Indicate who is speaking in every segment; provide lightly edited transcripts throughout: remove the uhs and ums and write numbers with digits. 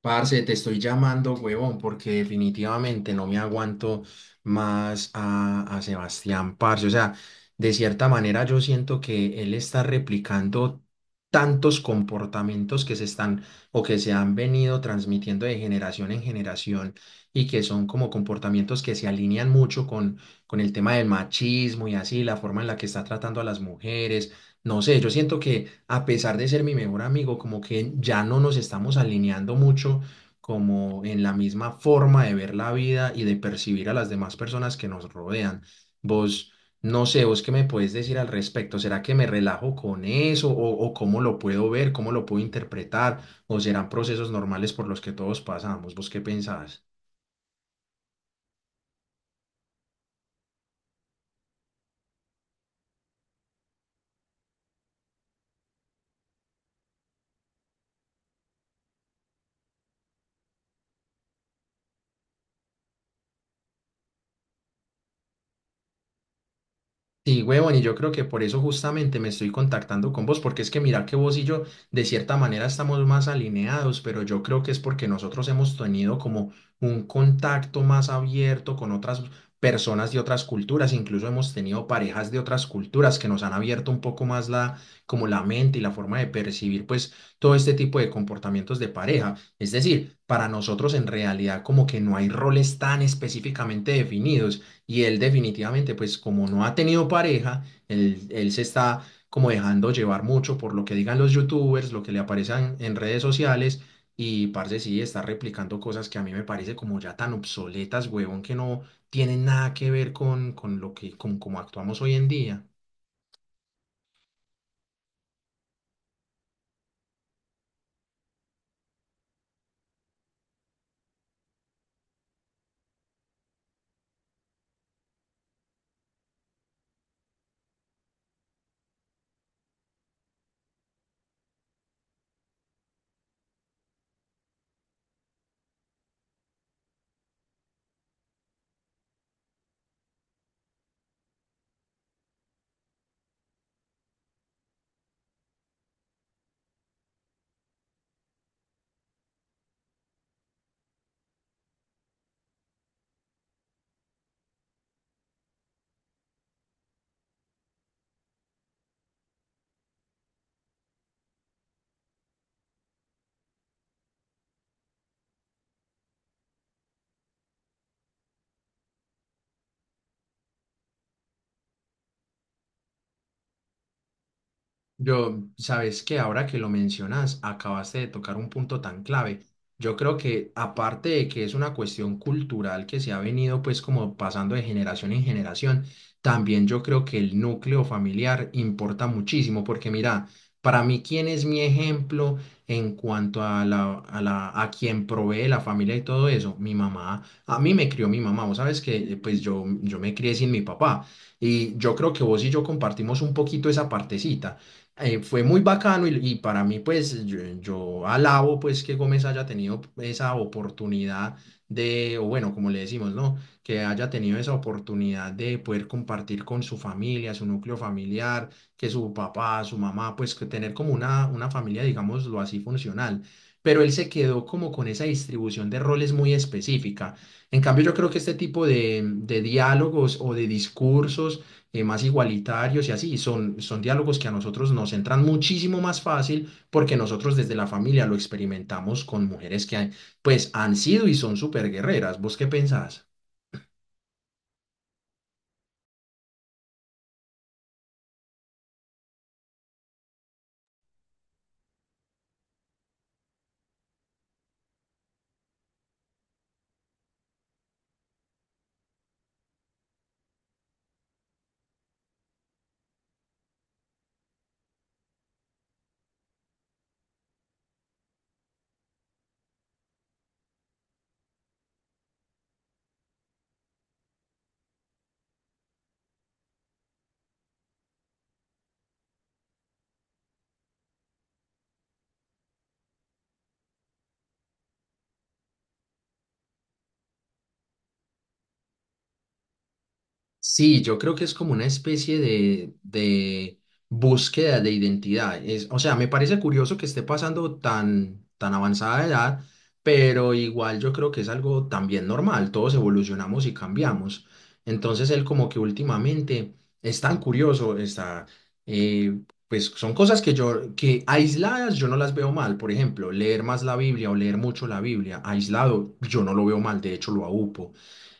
Speaker 1: Parce, te estoy llamando, huevón, porque definitivamente no me aguanto más a Sebastián, parce. O sea, de cierta manera yo siento que él está replicando tantos comportamientos que se están o que se han venido transmitiendo de generación en generación, y que son como comportamientos que se alinean mucho con el tema del machismo y así, la forma en la que está tratando a las mujeres. No sé, yo siento que a pesar de ser mi mejor amigo, como que ya no nos estamos alineando mucho como en la misma forma de ver la vida y de percibir a las demás personas que nos rodean. Vos, no sé, vos qué me puedes decir al respecto. ¿Será que me relajo con eso o cómo lo puedo ver, cómo lo puedo interpretar? ¿O serán procesos normales por los que todos pasamos? ¿Vos qué pensás? Sí, huevón, y yo creo que por eso justamente me estoy contactando con vos, porque es que mira que vos y yo de cierta manera estamos más alineados, pero yo creo que es porque nosotros hemos tenido como un contacto más abierto con otras personas de otras culturas, incluso hemos tenido parejas de otras culturas que nos han abierto un poco más la, como la mente y la forma de percibir pues todo este tipo de comportamientos de pareja. Es decir, para nosotros en realidad como que no hay roles tan específicamente definidos, y él definitivamente, pues como no ha tenido pareja, él se está como dejando llevar mucho por lo que digan los youtubers, lo que le aparezcan en redes sociales, y parce sí está replicando cosas que a mí me parece como ya tan obsoletas, huevón, que no tienen nada que ver con lo que, con cómo actuamos hoy en día. Yo, sabes que ahora que lo mencionas, acabaste de tocar un punto tan clave. Yo creo que aparte de que es una cuestión cultural que se ha venido pues como pasando de generación en generación, también yo creo que el núcleo familiar importa muchísimo porque mira, para mí quién es mi ejemplo en cuanto a a quien provee la familia y todo eso, mi mamá, a mí me crió mi mamá, vos sabes que pues yo me crié sin mi papá, y yo creo que vos y yo compartimos un poquito esa partecita. Fue muy bacano, y para mí pues yo alabo pues que Gómez haya tenido esa oportunidad de, o bueno, como le decimos, ¿no? Que haya tenido esa oportunidad de poder compartir con su familia, su núcleo familiar, que su papá, su mamá, pues que tener como una familia, digámoslo así, funcional. Pero él se quedó como con esa distribución de roles muy específica. En cambio, yo creo que este tipo de diálogos o de discursos más igualitarios y así. Son, son diálogos que a nosotros nos entran muchísimo más fácil porque nosotros desde la familia lo experimentamos con mujeres que pues han sido y son súper guerreras. ¿Vos qué pensás? Sí, yo creo que es como una especie de búsqueda de identidad. Es, o sea, me parece curioso que esté pasando tan, tan avanzada edad, pero igual yo creo que es algo también normal. Todos evolucionamos y cambiamos. Entonces él como que últimamente es tan curioso, eh, pues son cosas que yo, que aisladas yo no las veo mal. Por ejemplo, leer más la Biblia o leer mucho la Biblia aislado, yo no lo veo mal, de hecho lo aúpo.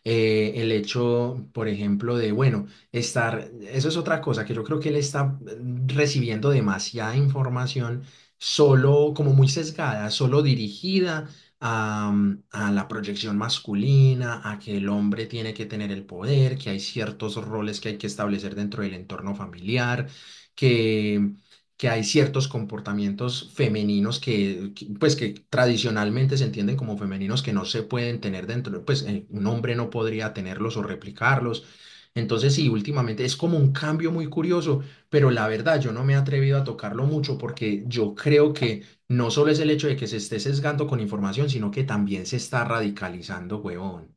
Speaker 1: El hecho, por ejemplo, de, bueno, estar, eso es otra cosa, que yo creo que él está recibiendo demasiada información solo, como muy sesgada, solo dirigida a, a la proyección masculina, a que el hombre tiene que tener el poder, que hay ciertos roles que hay que establecer dentro del entorno familiar. que que hay ciertos comportamientos femeninos pues, que tradicionalmente se entienden como femeninos que no se pueden tener dentro, pues un hombre no podría tenerlos o replicarlos. Entonces, sí, últimamente es como un cambio muy curioso, pero la verdad yo no me he atrevido a tocarlo mucho porque yo creo que no solo es el hecho de que se esté sesgando con información, sino que también se está radicalizando, huevón.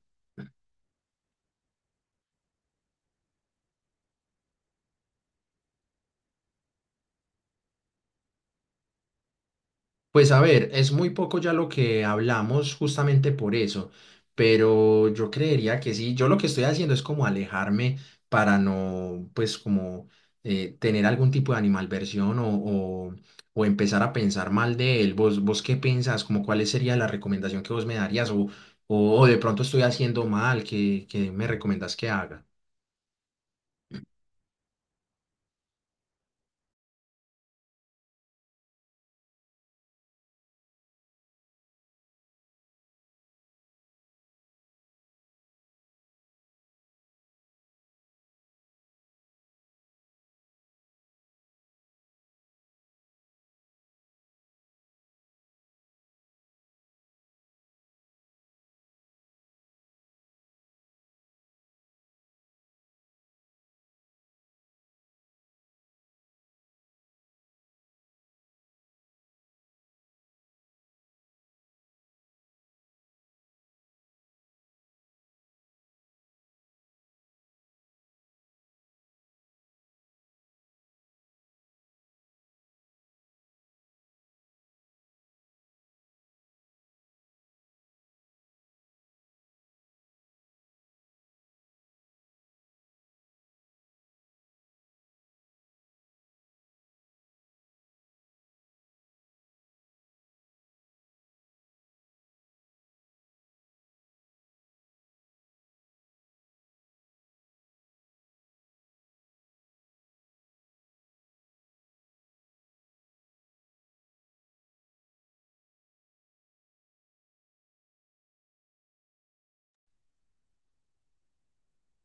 Speaker 1: Pues a ver, es muy poco ya lo que hablamos justamente por eso, pero yo creería que sí, yo lo que estoy haciendo es como alejarme para no, pues como tener algún tipo de animalversión o empezar a pensar mal de él. ¿Vos, vos qué pensás? Como cuál sería la recomendación que vos me darías? O, de pronto estoy haciendo mal, ¿qué, qué me recomendás que haga?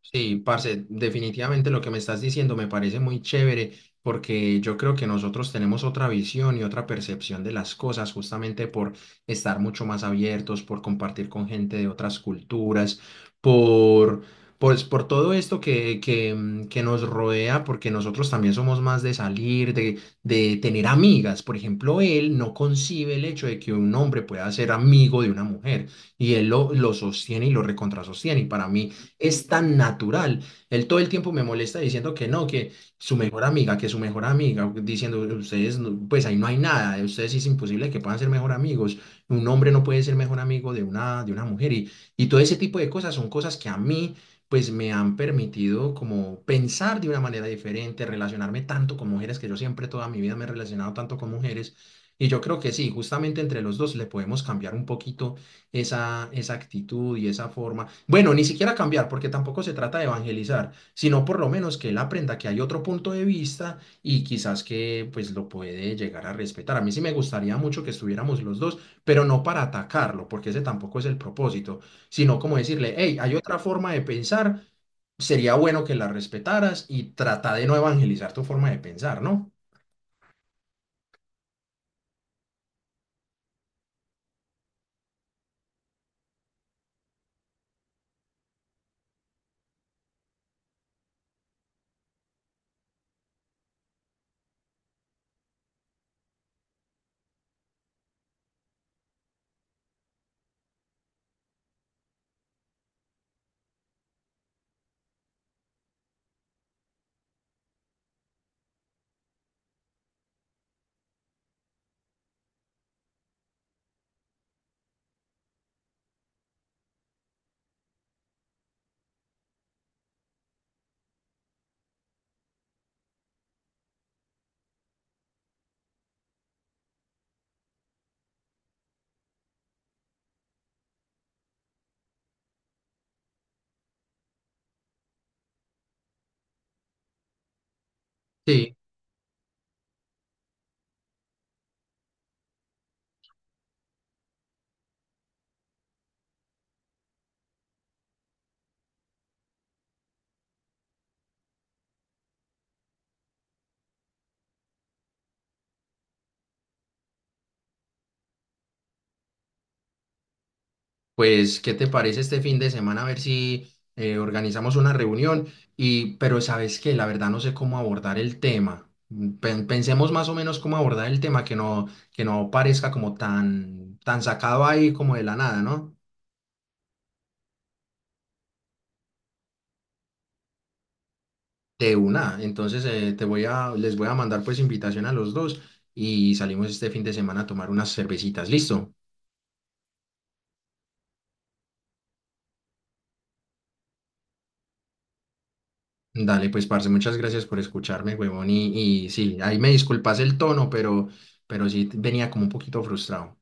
Speaker 1: Sí, parce, definitivamente lo que me estás diciendo me parece muy chévere porque yo creo que nosotros tenemos otra visión y otra percepción de las cosas justamente por estar mucho más abiertos, por compartir con gente de otras culturas, por, pues, por todo esto que, que nos rodea, porque nosotros también somos más de salir, de tener amigas. Por ejemplo, él no concibe el hecho de que un hombre pueda ser amigo de una mujer, y él lo sostiene y lo recontrasostiene. Y para mí es tan natural. Él todo el tiempo me molesta diciendo que no, que su mejor amiga, que su mejor amiga, diciendo ustedes, pues ahí no hay nada, ustedes sí es imposible que puedan ser mejor amigos. Un hombre no puede ser mejor amigo de una mujer, y todo ese tipo de cosas son cosas que a mí pues me han permitido como pensar de una manera diferente, relacionarme tanto con mujeres, que yo siempre toda mi vida me he relacionado tanto con mujeres. Y yo creo que sí, justamente entre los dos le podemos cambiar un poquito esa, esa actitud y esa forma. Bueno, ni siquiera cambiar, porque tampoco se trata de evangelizar, sino por lo menos que él aprenda que hay otro punto de vista y quizás que pues lo puede llegar a respetar. A mí sí me gustaría mucho que estuviéramos los dos, pero no para atacarlo, porque ese tampoco es el propósito, sino como decirle, hey, hay otra forma de pensar, sería bueno que la respetaras y trata de no evangelizar tu forma de pensar, ¿no? Sí. Pues, ¿qué te parece este fin de semana? A ver si organizamos una reunión. Y, pero sabes que la verdad no sé cómo abordar el tema. Mm, pensemos más o menos cómo abordar el tema, que no parezca como tan, tan sacado ahí como de la nada, ¿no? De una. Entonces, te voy a, les voy a mandar pues invitación a los dos y salimos este fin de semana a tomar unas cervecitas. ¿Listo? Dale, pues, parce, muchas gracias por escucharme, huevón. Y sí, ahí me disculpas el tono, pero sí venía como un poquito frustrado.